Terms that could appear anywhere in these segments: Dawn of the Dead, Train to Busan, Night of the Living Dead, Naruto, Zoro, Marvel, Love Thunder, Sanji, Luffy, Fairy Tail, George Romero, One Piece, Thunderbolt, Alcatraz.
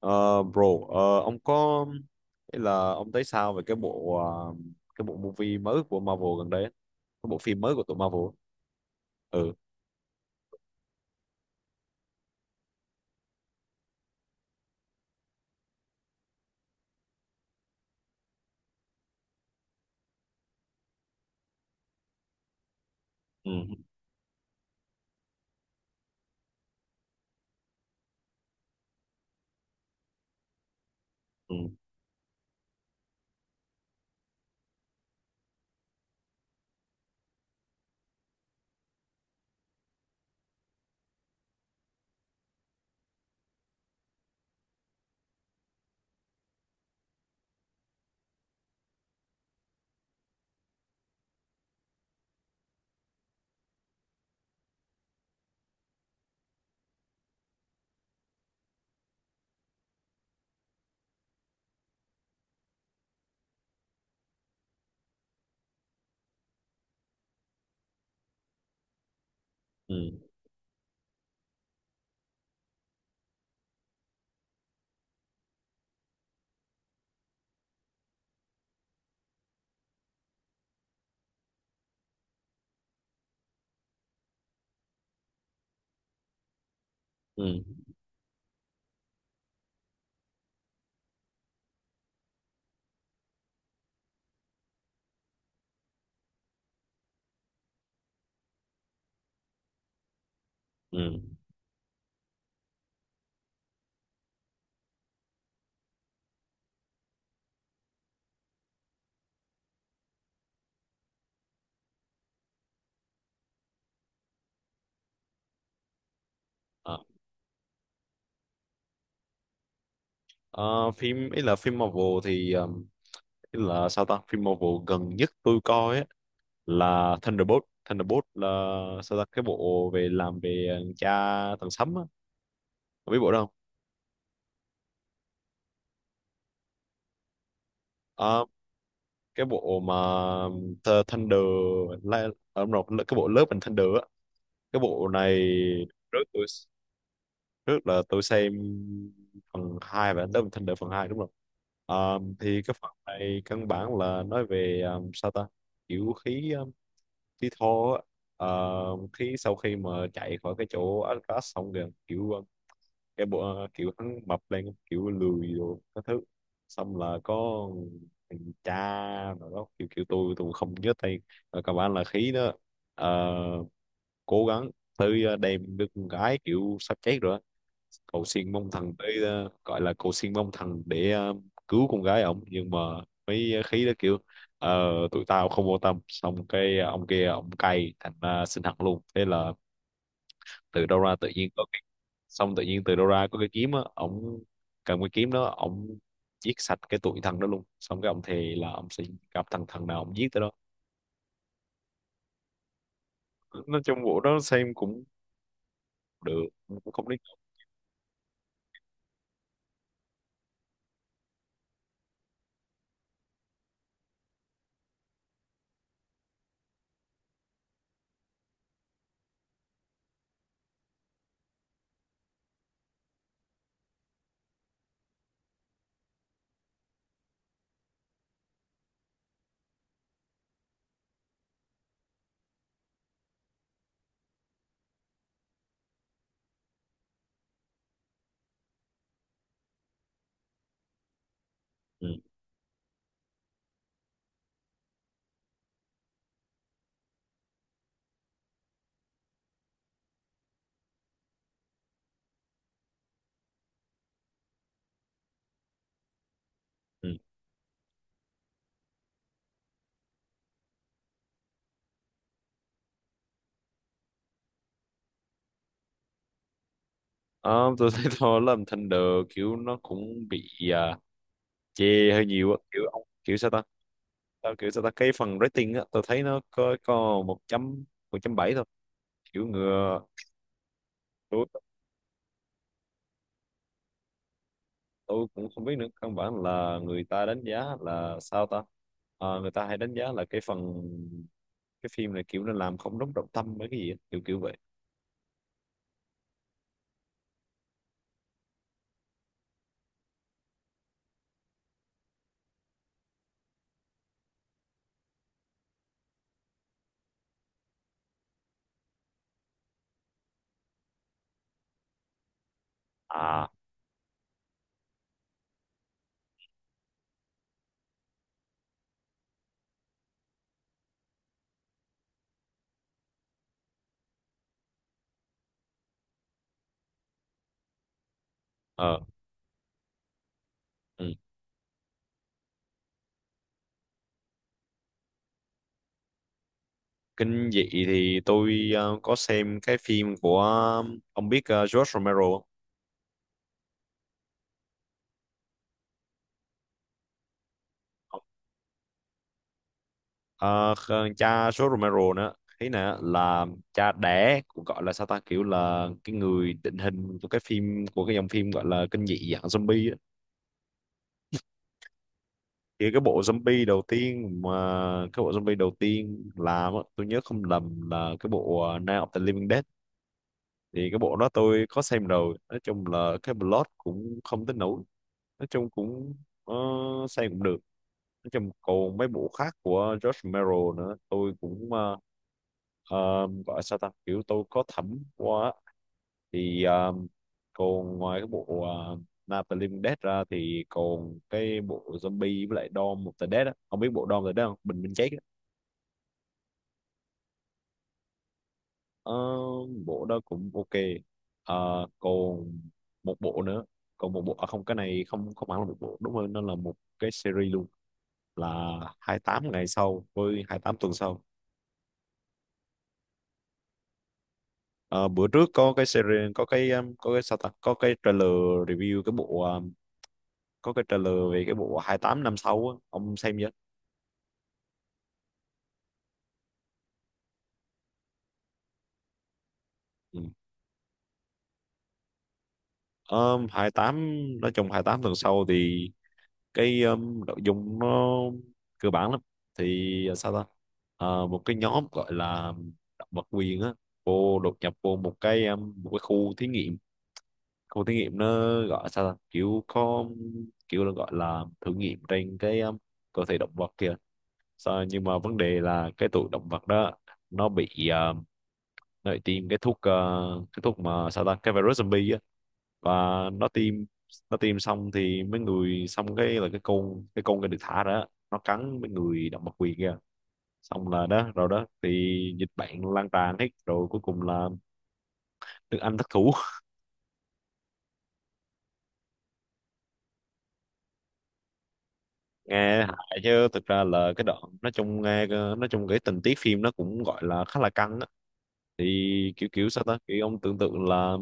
Ờ, Bro, ông có ý là ông thấy sao về cái bộ movie mới của Marvel gần đây á? Cái bộ phim mới của tụi Marvel á. Ừ, ừ, ừ, ừ, ừ, ừ. Ờ, ờ, Phim ý là phim Marvel chứ là sao ta phim Marvel gần nhất tôi coi á là Thunderbolt Thunderbolt, là sao ta cái bộ về làm về cha thằng Sấm á. Cậu biết bộ đâu. Ờ, cái bộ mà, Thunder, Li- đúng rồi, cái bộ lớp mình Thunder á, cái bộ này, rất trước là tôi xem phần 2 và Love Thunder phần 2, đúng không? Thì cái phần này căn bản là nói về, sao ta kiểu khí, khí thô á. Ờ, khí sau khi mà chạy khỏi cái chỗ Alcatraz xong rồi kiểu, cái bộ, kiểu hắn mập lên kiểu lười rồi các thứ, xong là có thằng cha rồi đó, kiểu kiểu tôi không nhớ tên, rồi các bạn là khí đó. Ờ, cố gắng tới, đem đứa con gái kiểu sắp chết rồi á. Cầu xin mong thần tới, gọi là cầu xin mong thần để, cứu con gái ổng, nhưng mà mấy khí đó kiểu, tụi tao không vô tâm. Xong cái ông kia ông cay thành ra xin hận luôn, thế là từ đâu ra tự nhiên có cái, xong tự nhiên từ đâu ra có cái kiếm á, ổng cầm cái kiếm đó ổng giết sạch cái tụi thằng đó luôn. Xong cái ông thề là ông sẽ gặp thằng thằng nào ông giết tới đó. Nói chung vụ đó xem cũng được, cũng không đến nỗi. Ừ. Ừ. Ờ, tôi thấy thôi làm thanh được kiểu nó cũng bị, chê hơi nhiều á, kiểu ông kiểu sao ta. Tao kiểu sao ta cái phần rating á, tôi thấy nó có một chấm bảy thôi, kiểu ngừa. Tôi, tôi cũng không biết nữa, căn bản là người ta đánh giá là sao ta. Ờ, người ta hay đánh giá là cái phim này kiểu nó làm không đúng trọng tâm mấy cái gì á, kiểu kiểu vậy. À, ờ, ừ. Kinh dị thì tôi, có xem cái phim của, ông biết, George Romero không? Ờ, cha số Romero nữa ý nè là cha đẻ, cũng gọi là sao ta kiểu là cái người định hình của cái phim, của cái dòng phim gọi là kinh dị dạng zombie á. Thì cái bộ zombie đầu tiên làm á, tôi nhớ không lầm là cái bộ, Night of the Living Dead. Thì cái bộ đó tôi có xem rồi, nói chung là cái plot cũng không tới nổi, nói chung cũng, ờ, xem cũng được. Nói chung còn mấy bộ khác của George Romero nữa, tôi cũng, gọi sao ta kiểu tôi có thẩm quá. Thì, còn ngoài cái bộ, uh, Night of the Living Dead ra thì còn cái bộ zombie với lại Dawn of the Dead á, không biết bộ Dawn of the Dead không, Bình Minh Chết á. Ờ, bộ đó cũng ok. Ờ, còn một bộ nữa, còn một bộ à không, cái này, không không hẳn là một bộ, đúng hơn nó là một cái series luôn, là 28 ngày sau với 28 tuần sau. Ờ, bữa trước có cái series, có cái, có cái sao ta có cái trailer review cái bộ, có cái trailer về cái bộ 28 năm sau á, ông xem chưa? Ừ. 28, nói chung 28 tuần sau thì cái, nội dung nó cơ bản lắm. Thì, sao ta. Ờ, một cái nhóm gọi là động vật quyền á, vô đột nhập vô một cái, một cái khu thí nghiệm, khu thí nghiệm nó gọi sao ta kiểu có, kiểu là gọi là thử nghiệm trên cái, cơ thể động vật kìa. Sao, nhưng mà vấn đề là cái tụi động vật đó nó bị, nó bị tiêm cái thuốc, cái thuốc mà sao ta cái virus zombie á, và nó tiêm nó tiêm xong thì mấy người, xong cái là cái được thả ra á, nó cắn mấy người động vật quyền kia, xong là đó rồi đó thì dịch bệnh lan tràn hết rồi, cuối cùng là nước Anh thất thủ. Nghe hại chứ thực ra là cái đoạn, nói chung nghe, nói chung cái tình tiết phim nó cũng gọi là khá là căng á. Thì kiểu kiểu sao ta kiểu ông tưởng tượng là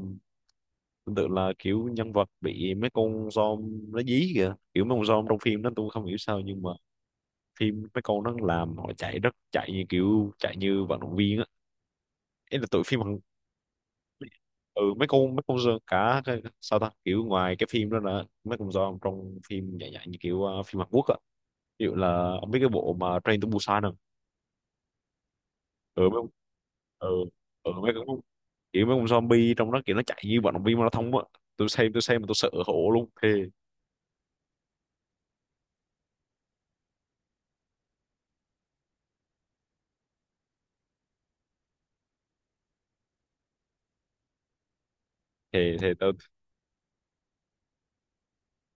tương tự, là kiểu nhân vật bị mấy con zombie nó dí kìa, kiểu mấy con zombie trong phim đó tôi không hiểu sao nhưng mà phim mấy con nó làm họ chạy, rất chạy như kiểu chạy như vận động viên á, ấy là tụi phim. Ừ, mấy con zombie, sao ta kiểu ngoài cái phim đó là mấy con zombie trong phim dạng dạng như kiểu, phim Hàn Quốc á, ví dụ là ông biết cái bộ mà Train to Busan không? Ừ, ừ, ừ, mấy con, kiểu mấy con zombie trong đó kiểu nó chạy như vận động viên marathon á, tôi xem mà tôi sợ hổ luôn, thề, thề, thề.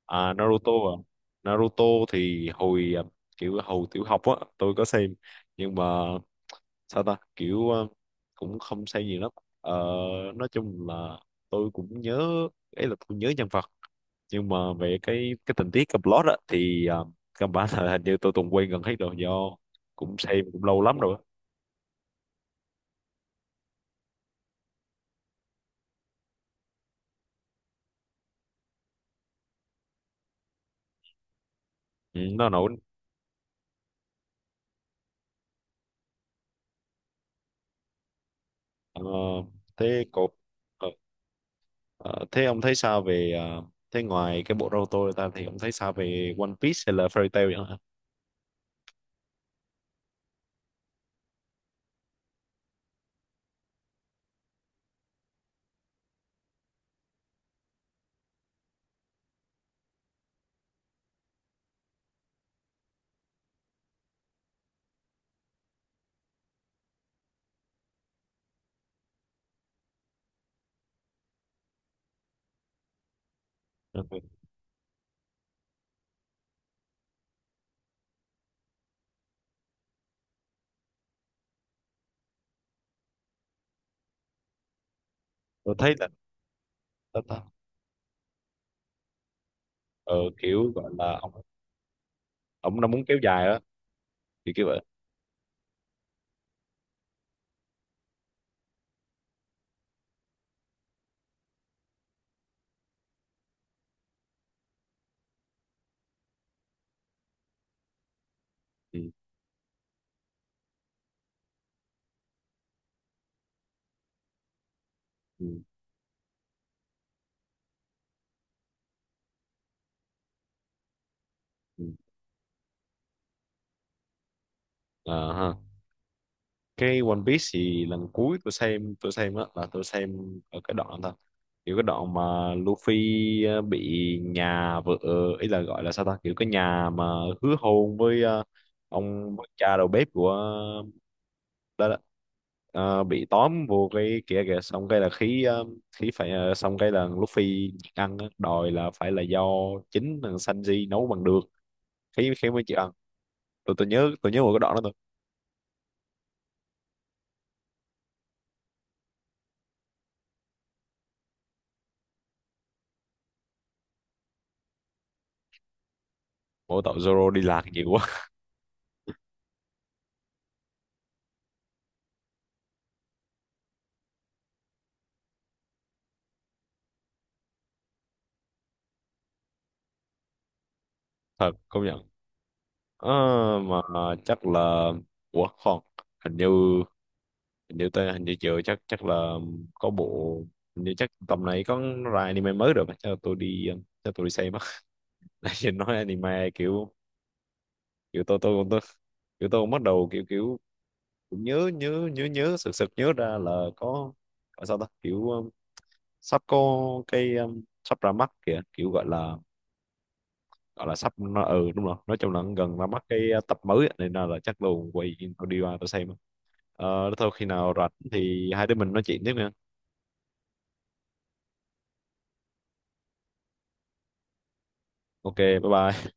À? Naruto thì hồi, kiểu hồi tiểu học á, tôi có xem, nhưng mà sao ta kiểu, cũng không xem gì lắm. Ờ, nói chung là tôi cũng nhớ, ấy là tôi nhớ nhân vật, nhưng mà về cái tình tiết cái plot á thì, căn bản là hình như tôi từng quên gần hết rồi, do cũng xem cũng lâu lắm rồi á. Ừ, nó nổi. Ờ, thế cột, ờ, ờ, thế ông thấy sao về, thế ngoài cái bộ Naruto ra thì ông thấy sao về One Piece hay là Fairy Tail vậy? Ừ. Tôi thấy là, là- là- ờ, kiểu gọi là ông nó muốn kéo dài đó, thì kiểu vậy. Ừ. Ừ. Ừ. Ờ, ha. Cái One Piece thì lần cuối tôi xem, đó là tôi xem ở cái đoạn thôi, kiểu cái đoạn mà Luffy, bị nhà vợ, ý là gọi là sao ta kiểu cái nhà mà hứa hôn với, ông với cha đầu bếp của, đó đó. Ờ, bị tóm vô cái kia kìa, xong cái là khí, khí phải, xong cái là lúc phi ăn á, đòi là phải là do chính thằng Sanji nấu bằng được, khí khí mới chịu ăn. Tôi nhớ, một cái đoạn đó thôi. Mỗi tội Zoro đi lạc nhiều quá. Thật công nhận. Ờ, mà chắc là, ủa không, hình như hình như tới, hình như chưa chắc, chắc là có bộ. Hình như chắc tầm này có ra anime mới rồi, mà chắc là tôi đi, chắc tôi đi xem á. Nãy giờ nói anime kiểu, tôi kiểu tôi bắt đầu, kiểu kiểu cũng nhớ nhớ nhớ nhớ sực sực nhớ ra là có gọi sao ta kiểu, sắp có cái, sắp ra mắt kìa, kiểu gọi là, sắp nó, ừ, đúng rồi, nói chung là gần ra mắt cái, tập mới á, nên là, chắc luôn quay tôi đi qua tôi xem. Ờ, thôi khi nào rảnh thì hai đứa mình nói chuyện tiếp nha. Ok, bye bye.